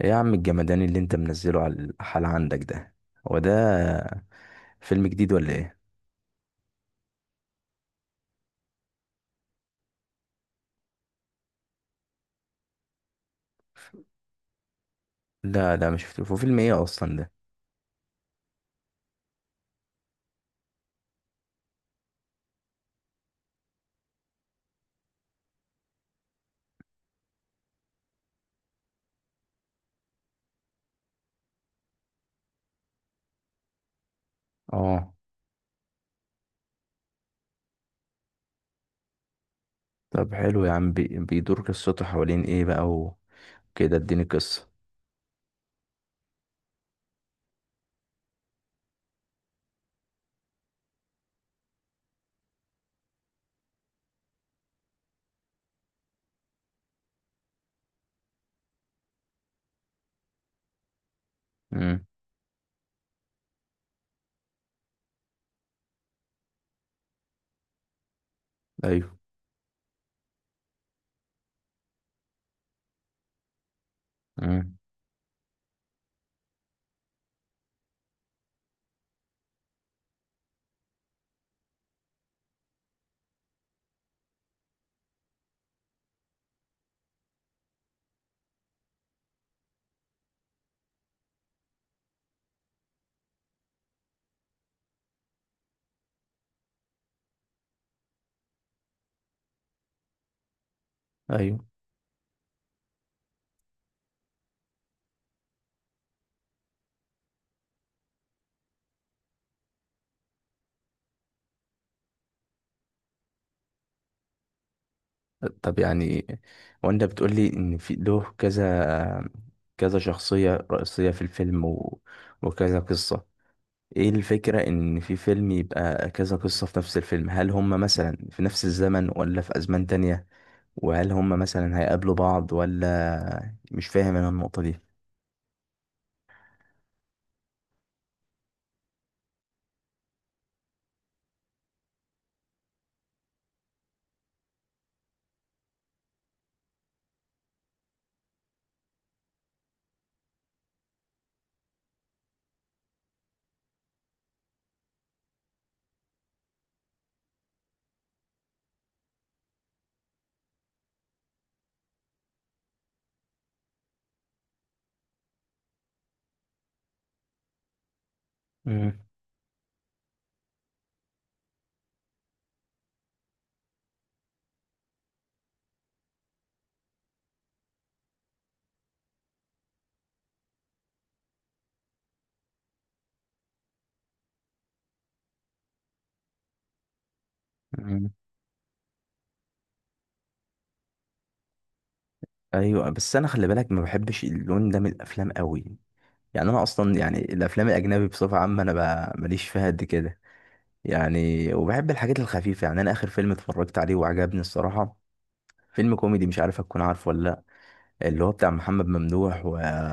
ايه يا عم الجمدان اللي انت منزله على الحال عندك ده؟ هو ده فيلم جديد ولا ايه؟ لا لا، مش شفته. هو فيلم ايه اصلا ده؟ اه. طب حلو يا عم، بيدور قصته حوالين ايه بقى وكده؟ اديني قصة. امم. ايوه. امم. ايوه. طب يعني، وانت بتقول لي ان في له كذا كذا شخصية رئيسية في الفيلم وكذا قصة. ايه الفكرة ان في فيلم يبقى كذا قصة في نفس الفيلم؟ هل هم مثلا في نفس الزمن ولا في ازمان تانية؟ وهل هم مثلا هيقابلوا بعض ولا مش فاهم انا النقطة دي؟ مم. مم. ايوه، بس انا خلي بالك ما بحبش اللون ده من الافلام قوي. يعني انا اصلا، يعني الافلام الاجنبي بصفه عامه انا ماليش فيها قد كده. يعني وبحب الحاجات الخفيفه. يعني انا اخر فيلم اتفرجت عليه وعجبني الصراحه فيلم كوميدي، مش عارف هتكون عارفه ولا لا. اللي هو بتاع محمد ممدوح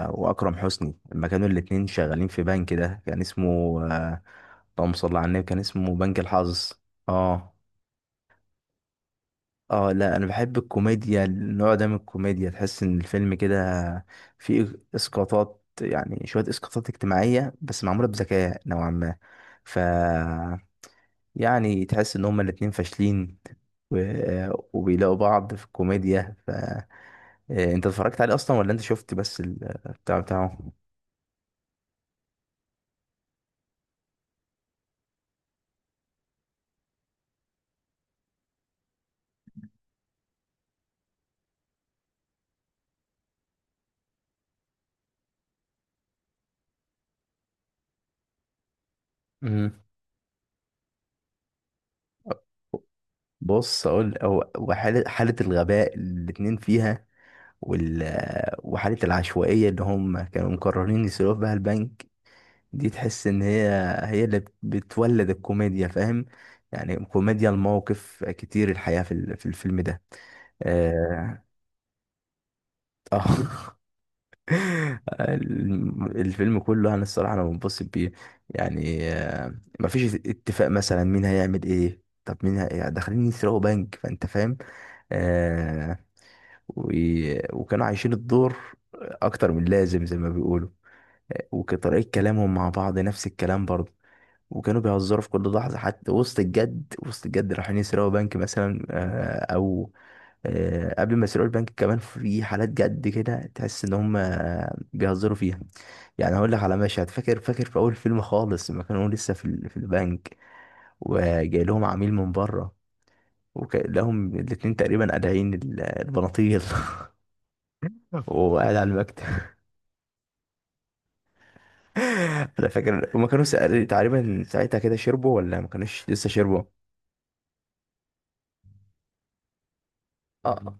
واكرم حسني، لما كانوا الاتنين شغالين في بنك ده كان اسمه، آه، اللهم صل على النبي، كان اسمه بنك الحظ. اه. اه، لا، انا بحب الكوميديا، النوع ده من الكوميديا تحس ان الفيلم كده فيه اسقاطات، يعني شويه اسقاطات اجتماعيه بس معموله بذكاء نوعا ما. ف يعني تحس ان هما الاتنين فاشلين و... وبيلاقوا بعض في الكوميديا. انت اتفرجت عليه اصلا ولا انت شفت بس البتاع بتاعه؟ امم. بص، اقول هو وحاله، حاله الغباء اللي الاتنين فيها، وال... وحاله العشوائيه اللي هم كانوا مقررين يسرقوا بها البنك، دي تحس ان هي اللي بتولد الكوميديا، فاهم؟ يعني كوميديا المواقف كتير الحياة في في الفيلم ده. اه. آه. الفيلم كله انا الصراحة انا منبسط بيه. يعني مفيش اتفاق مثلا مين هيعمل ايه، طب مين داخلين يسرقوا بنك، فانت فاهم. آه و... وكانوا عايشين الدور اكتر من لازم زي ما بيقولوا، وطريقة كلامهم مع بعض نفس الكلام برضه. وكانوا بيهزروا في كل لحظة، حتى وسط الجد، وسط الجد رايحين يسرقوا بنك مثلا، أو قبل ما يسرقوا البنك كمان في حالات جد كده تحس إن هم بيهزروا فيها. يعني هقول لك على مشهد، فاكر فاكر في أول فيلم خالص لما كانوا لسه في في البنك، وجاي لهم عميل من بره، وكلهم الاتنين تقريبا قادعين البناطيل. وقاعد على المكتب. انا فاكر هما كانوا تقريبا ساعتها كده شربوا ولا ما كانوش لسه شربوا. اه.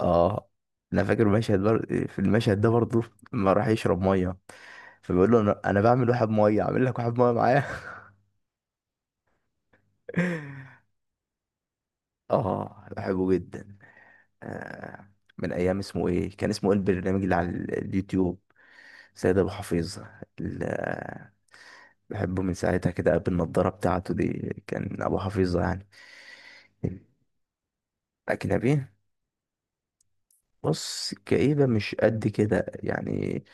اه. انا فاكر مشهد في المشهد ده برضه لما راح يشرب ميه، فبيقول له: أنا بعمل واحد ميه، اعمل لك واحد ميه معايا. اه، بحبه جدا. آه، من ايام اسمه ايه، كان اسمه ايه البرنامج اللي على اليوتيوب؟ سيد ابو حفيظ. ال- بحبه من ساعتها كده، بالنضاره بتاعته دي كان ابو حفيظه يعني. اجنبي. بص، كئيبة مش قد كده يعني.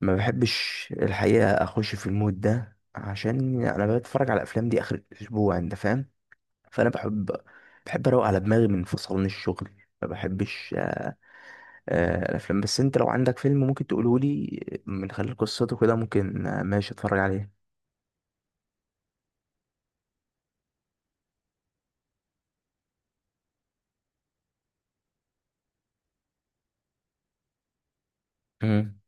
ما بحبش الحقيقة أخش في المود ده، عشان أنا بتفرج على الأفلام دي آخر الأسبوع، أنت فاهم. فأنا بحب أروق على دماغي من فصلان الشغل. ما بحبش الأفلام، بس أنت لو عندك فيلم ممكن تقولهولي من خلال قصته كده، ممكن، ماشي، أتفرج عليه. مم.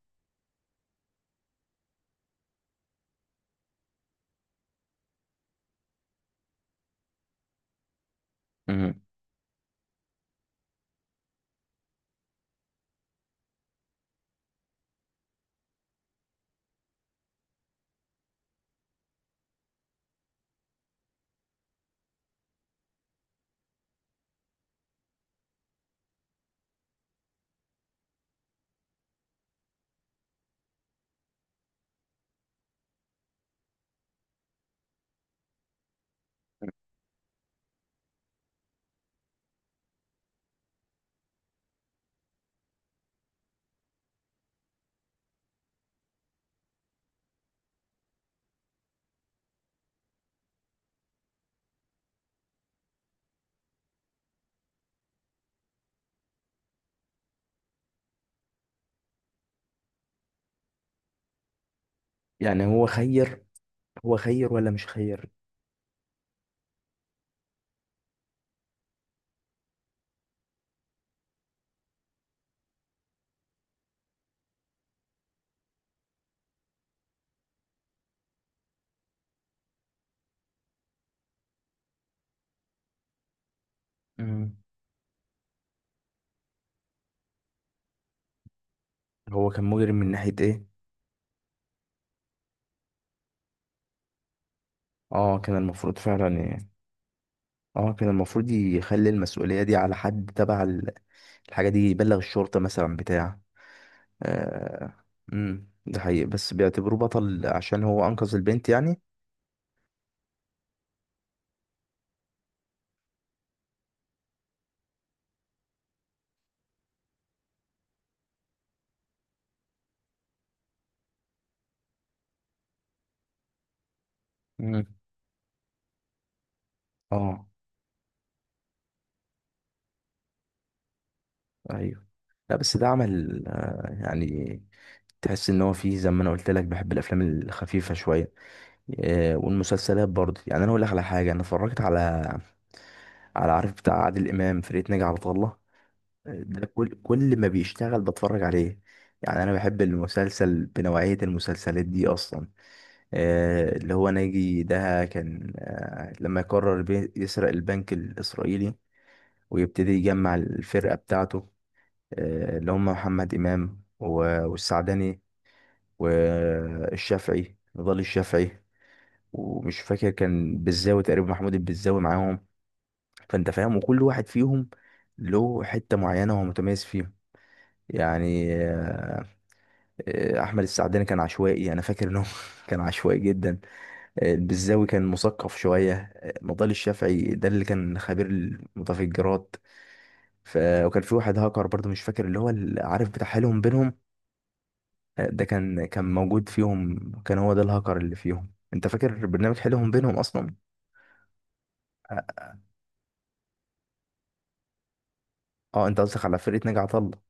مم. يعني هو خير؟ هو خير ولا مش خير؟ مم. هو كان مجرم من ناحية إيه؟ اه، كان المفروض فعلا. اه، كان المفروض يخلي المسؤولية دي على حد تبع الحاجة دي، يبلغ الشرطة مثلا بتاع. آه. امم، ده حقيقي، بس بيعتبروه بطل عشان هو أنقذ البنت يعني. مم. اه. ايوه. لا، بس ده عمل، يعني تحس ان هو فيه زي ما انا قلت لك بحب الافلام الخفيفة شوية والمسلسلات برضه. يعني انا اقول لك على حاجة، انا اتفرجت على عارف بتاع عادل امام، فرقة ناجي عطا الله. ده كل ما بيشتغل بتفرج عليه. يعني انا بحب المسلسل، بنوعية المسلسلات دي اصلا. اللي هو ناجي ده كان، لما يقرر يسرق البنك الاسرائيلي، ويبتدي يجمع الفرقة بتاعته. اللي هم محمد امام والسعدني والشافعي، نضال الشافعي، ومش فاكر كان بالزاوي تقريبا، محمود البزاوي معاهم. فانت فاهم، وكل واحد فيهم له حتة معينة هو متميز فيها، يعني. احمد السعداني كان عشوائي، انا فاكر انه كان عشوائي جدا. البزاوي كان مثقف شويه. مضال الشافعي ده اللي كان خبير المتفجرات. ف... وكان في واحد هاكر برضه، مش فاكر اللي هو اللي عارف بتاع حيلهم بينهم. ده كان موجود فيهم، كان هو ده الهاكر اللي فيهم، انت فاكر برنامج حيلهم بينهم اصلا؟ اه. انت قصدك على فرقه ناجي عطا الله.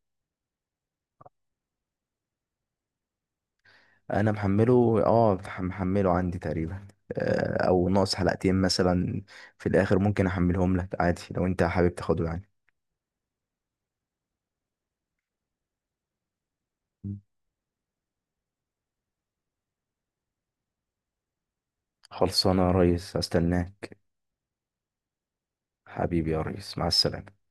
انا محمله، اه، محمله عندي تقريبا، او ناقص حلقتين مثلا في الاخر. ممكن احملهم لك عادي لو انت حابب تاخده يعني. خلصانة يا ريس، استناك. حبيبي يا ريس، مع السلامة.